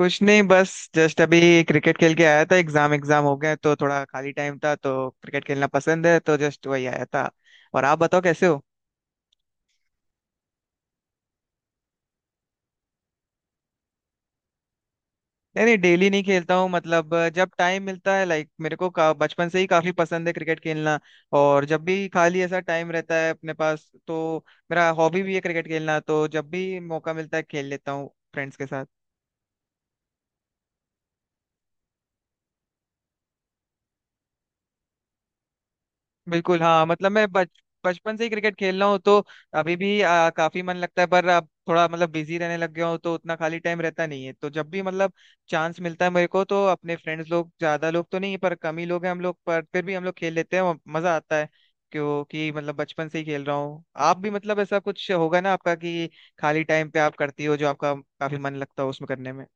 कुछ नहीं, बस जस्ट अभी क्रिकेट खेल के आया था। एग्जाम एग्जाम हो गए तो थोड़ा खाली टाइम था, तो क्रिकेट खेलना पसंद है तो जस्ट वही आया था। और आप बताओ कैसे हो। नहीं नहीं, डेली नहीं खेलता हूँ। मतलब जब टाइम मिलता है, लाइक मेरे को बचपन से ही काफी पसंद है क्रिकेट खेलना। और जब भी खाली ऐसा टाइम रहता है अपने पास तो मेरा हॉबी भी है क्रिकेट खेलना, तो जब भी मौका मिलता है खेल लेता हूँ फ्रेंड्स के साथ। बिल्कुल हाँ। मतलब मैं बच बचपन से ही क्रिकेट खेल रहा हूँ तो अभी भी काफी मन लगता है, पर अब थोड़ा मतलब बिजी रहने लग गया हूँ तो उतना खाली टाइम रहता नहीं है। तो जब भी मतलब चांस मिलता है मेरे को तो अपने फ्रेंड्स लोग, ज्यादा लोग तो नहीं पर कम ही लोग हैं हम लोग, पर फिर भी हम लोग खेल लेते हैं और मजा आता है। क्योंकि मतलब बचपन से ही खेल रहा हूँ। आप भी मतलब ऐसा कुछ होगा ना आपका, कि खाली टाइम पे आप करती हो जो आपका काफी मन लगता हो उसमें करने में।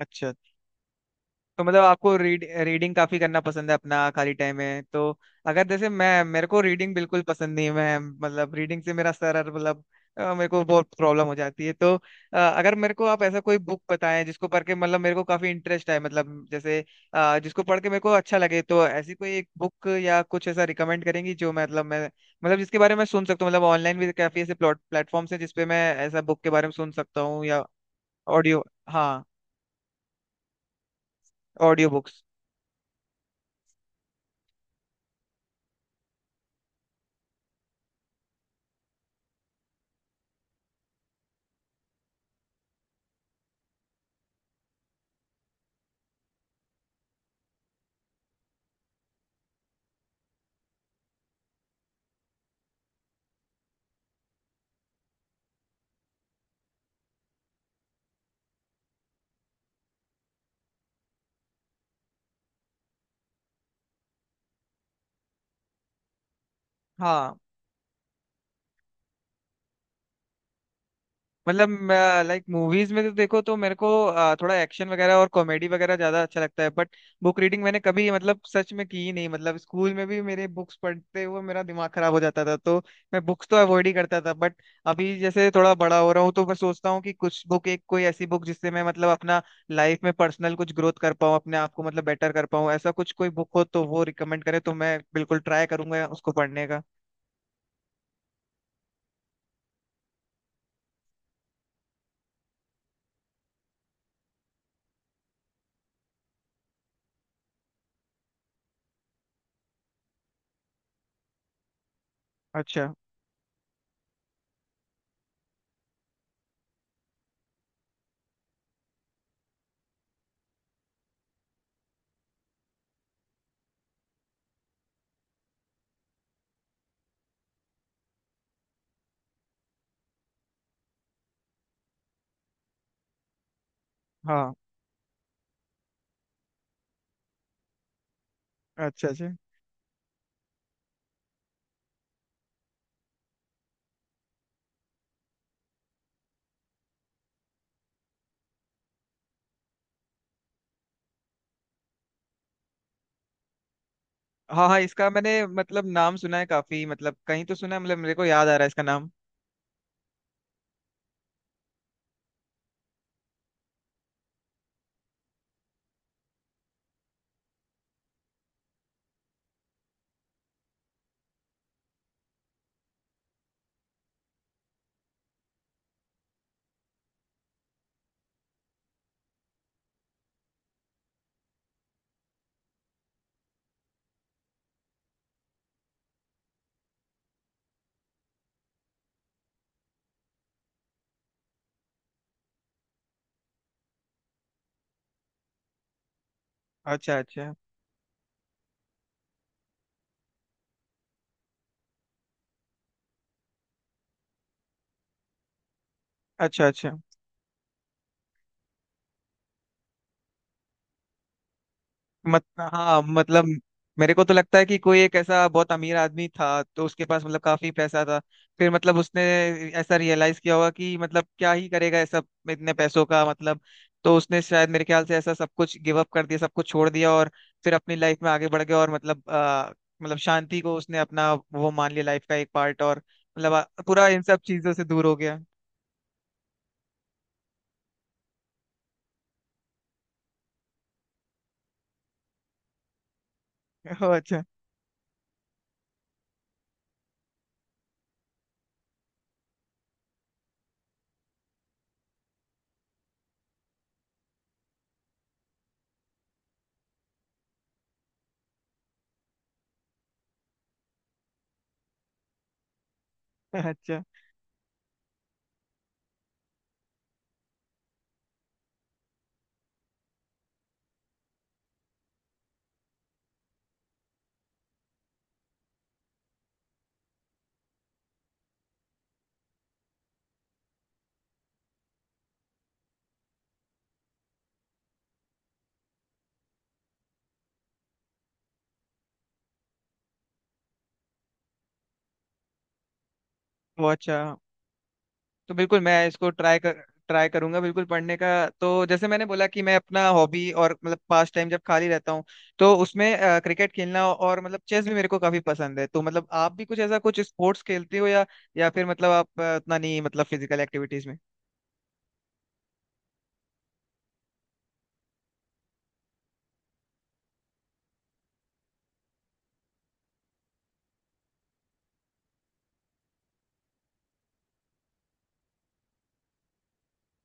अच्छा। तो मतलब आपको रीडिंग काफी करना पसंद है अपना खाली टाइम में तो। अगर जैसे मैं, मेरे को रीडिंग बिल्कुल पसंद नहीं है। मैं मतलब रीडिंग से मेरा मतलब मेरे को बहुत प्रॉब्लम हो जाती है तो। अगर मेरे को आप ऐसा कोई बुक बताएं जिसको पढ़ के मतलब मेरे को काफी इंटरेस्ट आए। मतलब जैसे जिसको पढ़ के मेरे को अच्छा लगे, तो ऐसी कोई एक बुक या कुछ ऐसा रिकमेंड करेंगी जो मतलब मैं, मतलब जिसके बारे में मैं सुन सकता हूँ। मतलब ऑनलाइन भी काफी ऐसे प्लॉट प्लेटफॉर्म्स हैं जिसपे मैं ऐसा बुक के बारे में सुन सकता हूँ या। ऑडियो। हाँ। Audio books. हाँ। मतलब लाइक मूवीज में तो देखो तो मेरे को थोड़ा एक्शन वगैरह और कॉमेडी वगैरह ज्यादा अच्छा लगता है, बट बुक रीडिंग मैंने कभी मतलब सच में की ही नहीं। मतलब स्कूल में भी मेरे बुक्स पढ़ते हुए मेरा दिमाग खराब हो जाता था तो मैं बुक्स तो अवॉइड ही करता था। बट अभी जैसे थोड़ा बड़ा हो रहा हूँ, तो मैं सोचता हूँ कि कुछ बुक, एक कोई ऐसी बुक जिससे मैं मतलब अपना लाइफ में पर्सनल कुछ ग्रोथ कर पाऊँ, अपने आप को मतलब बेटर कर पाऊँ, ऐसा कुछ कोई बुक हो तो वो रिकमेंड करे तो मैं बिल्कुल ट्राई करूंगा उसको पढ़ने का। अच्छा, हाँ। अच्छा अच्छा। हाँ हाँ, इसका मैंने मतलब नाम सुना है काफी। मतलब कहीं तो सुना है, मतलब मेरे को याद आ रहा है इसका नाम। अच्छा अच्छा। अच्छा अच्छा। मत हाँ, मतलब मेरे को तो लगता है कि कोई एक ऐसा बहुत अमीर आदमी था तो उसके पास मतलब काफी पैसा था। फिर मतलब उसने ऐसा रियलाइज किया होगा कि मतलब क्या ही करेगा ये सब इतने पैसों का मतलब। तो उसने शायद मेरे ख्याल से ऐसा सब कुछ गिव अप कर दिया, सब कुछ छोड़ दिया और फिर अपनी लाइफ में आगे बढ़ गया। और मतलब मतलब शांति को उसने अपना वो मान लिया, लाइफ का एक पार्ट। और मतलब पूरा इन सब चीजों से दूर हो गया। ओह, अच्छा। अच्छा। वो अच्छा। तो बिल्कुल मैं इसको ट्राई करूंगा बिल्कुल पढ़ने का। तो जैसे मैंने बोला कि मैं अपना हॉबी और मतलब पास टाइम जब खाली रहता हूँ तो उसमें क्रिकेट खेलना और मतलब चेस भी मेरे को काफी पसंद है। तो मतलब आप भी कुछ ऐसा कुछ स्पोर्ट्स खेलते हो या फिर मतलब आप उतना नहीं, मतलब फिजिकल एक्टिविटीज में।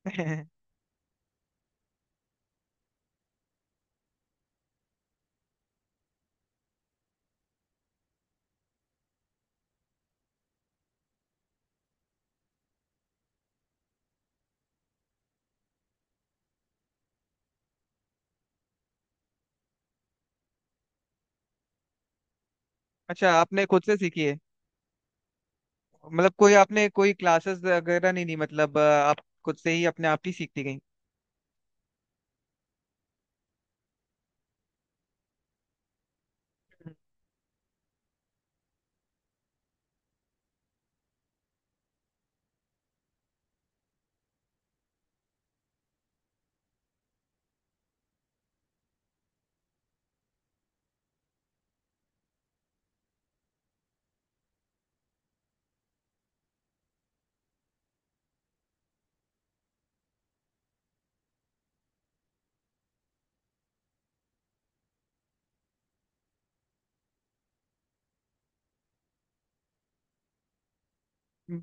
अच्छा, आपने खुद से सीखी है? मतलब कोई आपने कोई क्लासेस वगैरह नहीं ली, मतलब आप खुद से ही अपने आप ही सीखती गई।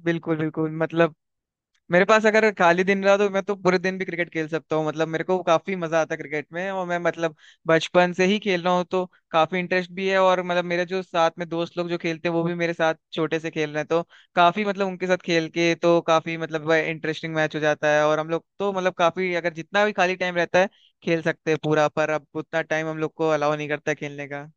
बिल्कुल बिल्कुल, मतलब मेरे पास अगर खाली दिन रहा तो मैं तो पूरे दिन भी क्रिकेट खेल सकता हूँ। मतलब मेरे को काफी मजा आता है क्रिकेट में, और मैं मतलब बचपन से ही खेल रहा हूँ तो काफी इंटरेस्ट भी है। और मतलब मेरे जो साथ में दोस्त लोग जो खेलते हैं वो भी मेरे साथ छोटे से खेल रहे हैं, तो काफी मतलब उनके साथ खेल के तो काफी मतलब इंटरेस्टिंग मैच हो जाता है। और हम लोग तो मतलब काफी, अगर जितना भी खाली टाइम रहता है खेल सकते हैं पूरा, पर अब उतना टाइम हम लोग को अलाउ नहीं करता है खेलने का।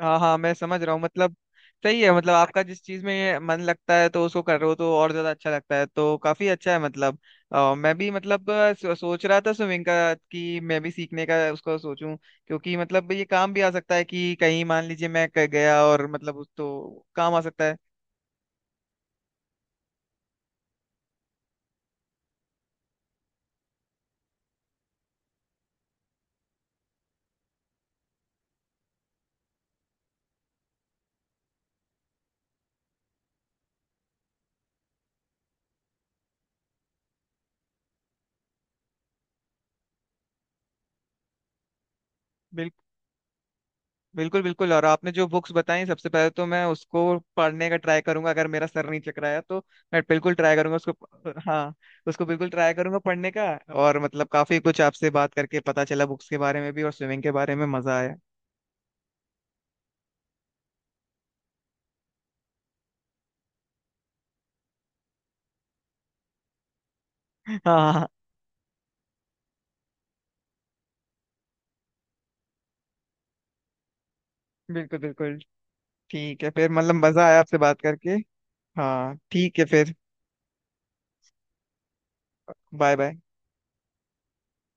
हाँ हाँ, मैं समझ रहा हूँ। मतलब सही है, मतलब आपका जिस चीज में मन लगता है तो उसको कर रहे हो तो और ज्यादा अच्छा लगता है, तो काफी अच्छा है मतलब। मैं भी मतलब सोच रहा था स्विमिंग का, कि मैं भी सीखने का उसको सोचूं। क्योंकि मतलब ये काम भी आ सकता है कि कहीं मान लीजिए मैं गया और मतलब उस तो काम आ सकता है। बिल्कुल बिल्कुल, और आपने जो बुक्स बताई सबसे पहले तो मैं उसको पढ़ने का ट्राई करूंगा, अगर मेरा सर नहीं चकराया तो मैं बिल्कुल ट्राई करूंगा उसको। हाँ, उसको बिल्कुल ट्राई करूंगा पढ़ने का। और मतलब काफी कुछ आपसे बात करके पता चला, बुक्स के बारे में भी और स्विमिंग के बारे में। मजा आया। हाँ हाँ, बिल्कुल बिल्कुल। ठीक है फिर, मतलब मजा आया आपसे बात करके। हाँ ठीक है फिर। Bye bye.